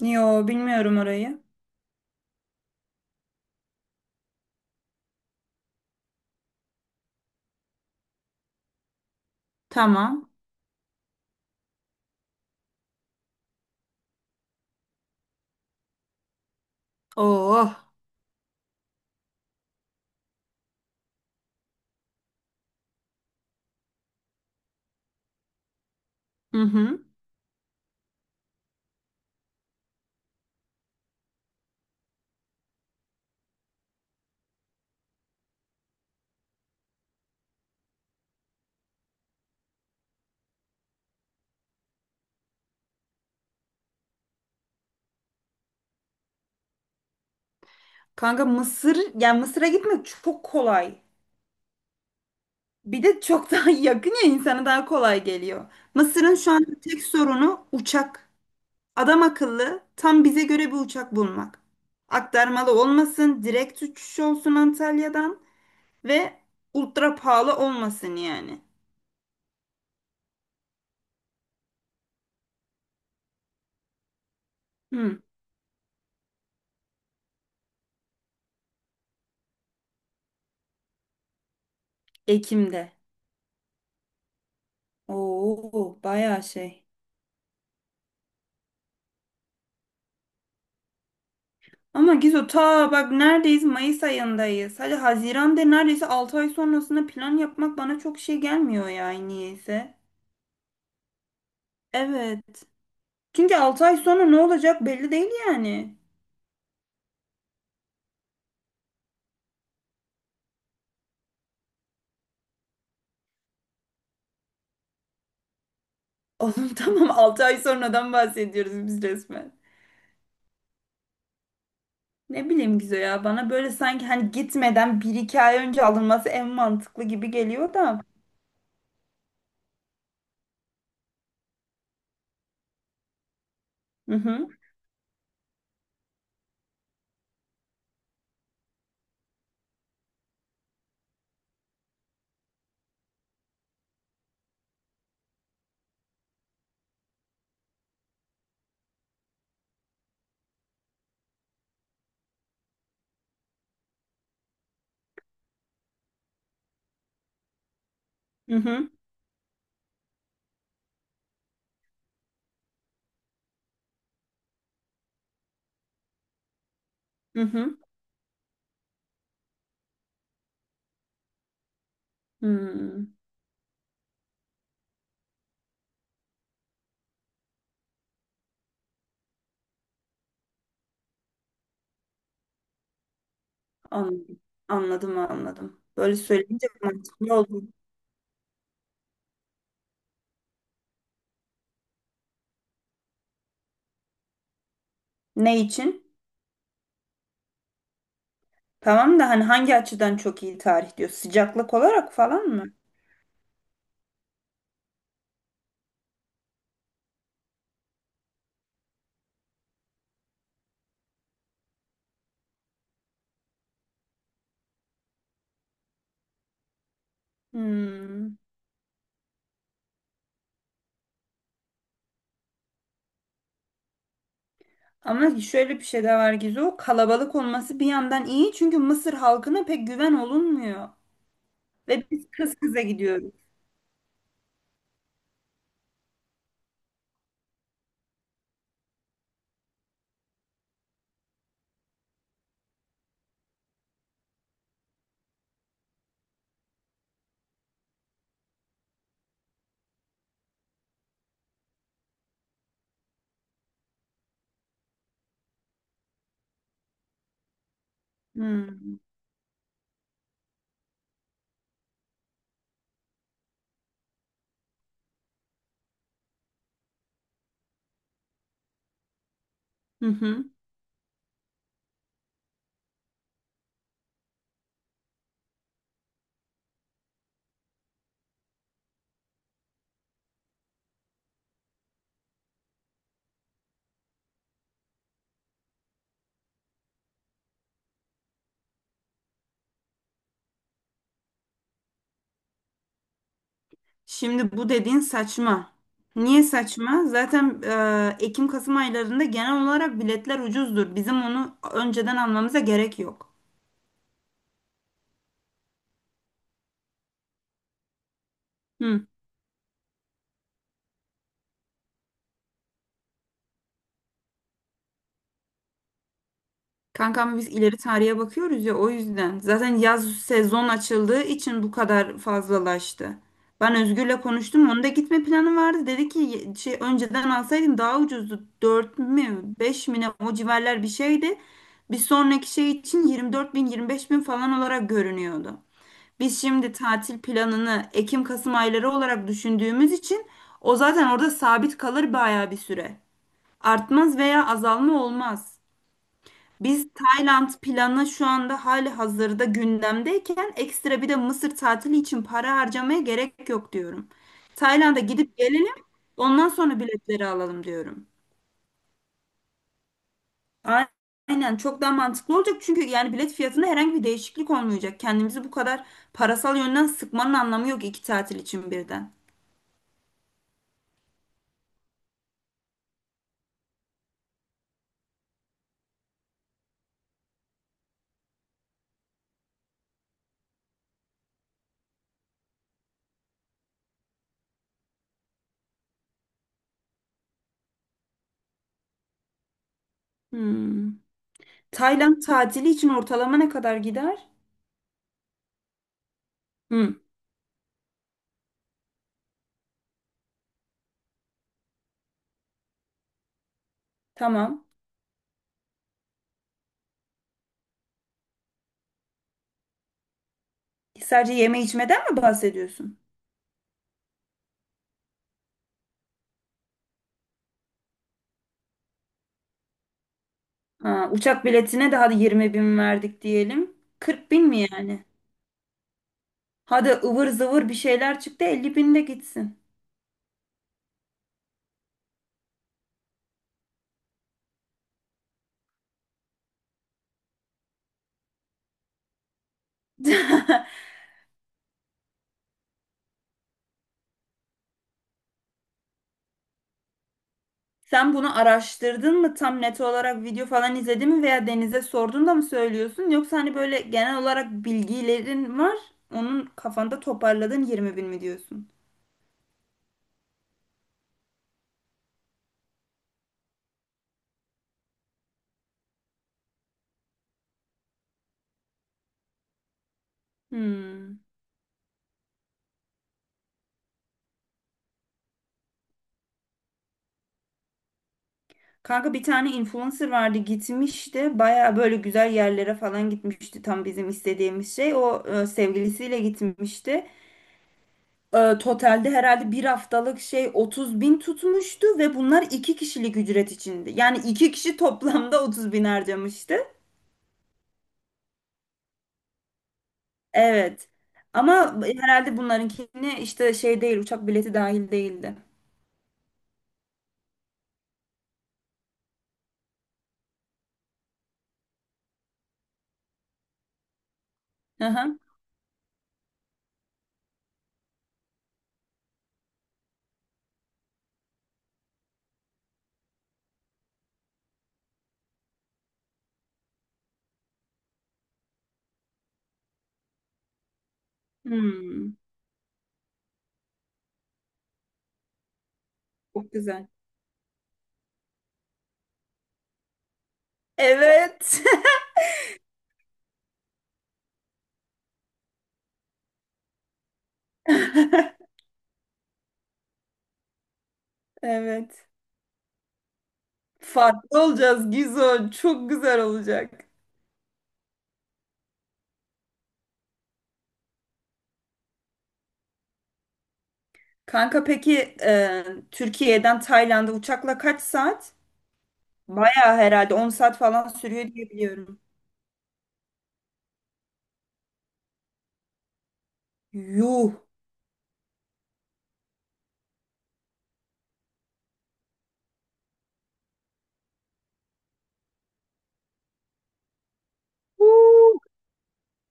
Yo bilmiyorum orayı. Tamam. Oh. Hı hı. Kanka Mısır yani Mısır'a gitmek çok kolay. Bir de çok daha yakın ya insana daha kolay geliyor. Mısır'ın şu an tek sorunu uçak. Adam akıllı tam bize göre bir uçak bulmak. Aktarmalı olmasın, direkt uçuş olsun Antalya'dan ve ultra pahalı olmasın yani. Hı. Ekim'de. Oo, bayağı şey. Ama Gizo ta bak neredeyiz? Mayıs ayındayız. Hadi Haziran'da neredeyse 6 ay sonrasında plan yapmak bana çok şey gelmiyor yani niyeyse. Evet. Çünkü 6 ay sonra ne olacak belli değil yani. Oğlum tamam 6 ay sonradan bahsediyoruz biz resmen. Ne bileyim Gizo ya bana böyle sanki hani gitmeden bir iki ay önce alınması en mantıklı gibi geliyor da. Hı hı hı hı hı hı. Hmm, anladım anladım anladım. Böyle söyleyince mantıklı oldu. Ne için? Tamam da hani hangi açıdan çok iyi tarih diyor? Sıcaklık olarak falan mı? Hmm. Ama şöyle bir şey de var Gizu. O kalabalık olması bir yandan iyi çünkü Mısır halkına pek güven olunmuyor. Ve biz kız kıza gidiyoruz. Hmm. Hı hı. Şimdi bu dediğin saçma. Niye saçma? Zaten Ekim-Kasım aylarında genel olarak biletler ucuzdur. Bizim onu önceden almamıza gerek yok. Hı. Kankam biz ileri tarihe bakıyoruz ya o yüzden. Zaten yaz sezon açıldığı için bu kadar fazlalaştı. Ben Özgür'le konuştum. Onun da gitme planı vardı. Dedi ki şey önceden alsaydın daha ucuzdu. 4 mü 5 mi ne o civarlar bir şeydi. Bir sonraki şey için 24 bin 25 bin falan olarak görünüyordu. Biz şimdi tatil planını Ekim-Kasım ayları olarak düşündüğümüz için o zaten orada sabit kalır bayağı bir süre. Artmaz veya azalma olmaz. Biz Tayland planı şu anda hali hazırda gündemdeyken ekstra bir de Mısır tatili için para harcamaya gerek yok diyorum. Tayland'a gidip gelelim, ondan sonra biletleri alalım diyorum. A- Aynen, çok daha mantıklı olacak çünkü yani bilet fiyatında herhangi bir değişiklik olmayacak. Kendimizi bu kadar parasal yönden sıkmanın anlamı yok iki tatil için birden. Hmm. Tayland tatili için ortalama ne kadar gider? Hmm, tamam. Sadece yeme içmeden mi bahsediyorsun? Ha, uçak biletine de hadi 20 bin verdik diyelim. 40 bin mi yani? Hadi ıvır zıvır bir şeyler çıktı 50 bin de gitsin. Sen bunu araştırdın mı? Tam net olarak video falan izledin mi veya Deniz'e sordun da mı söylüyorsun? Yoksa hani böyle genel olarak bilgilerin var. Onun kafanda toparladın, 20 bin mi diyorsun? Hmm. Kanka bir tane influencer vardı gitmişti. Baya böyle güzel yerlere falan gitmişti. Tam bizim istediğimiz şey. O sevgilisiyle gitmişti. Totalde herhalde bir haftalık şey 30 bin tutmuştu ve bunlar iki kişilik ücret içindi. Yani iki kişi toplamda 30 bin harcamıştı. Evet. Ama herhalde bunlarınkini işte şey değil, uçak bileti dahil değildi. Hı hı. Hmm, çok güzel. Evet. Evet. Farklı olacağız Gizo. Çok güzel olacak. Kanka peki Türkiye'den Tayland'a uçakla kaç saat? Bayağı herhalde 10 saat falan sürüyor diye biliyorum. Yuh. Huu.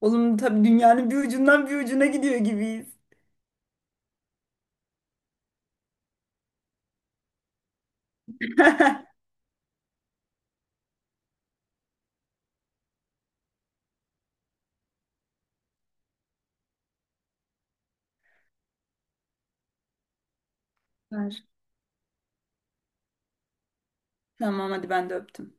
Oğlum tabii dünyanın bir ucundan bir ucuna gidiyor gibiyiz. Ver. Tamam hadi ben de öptüm.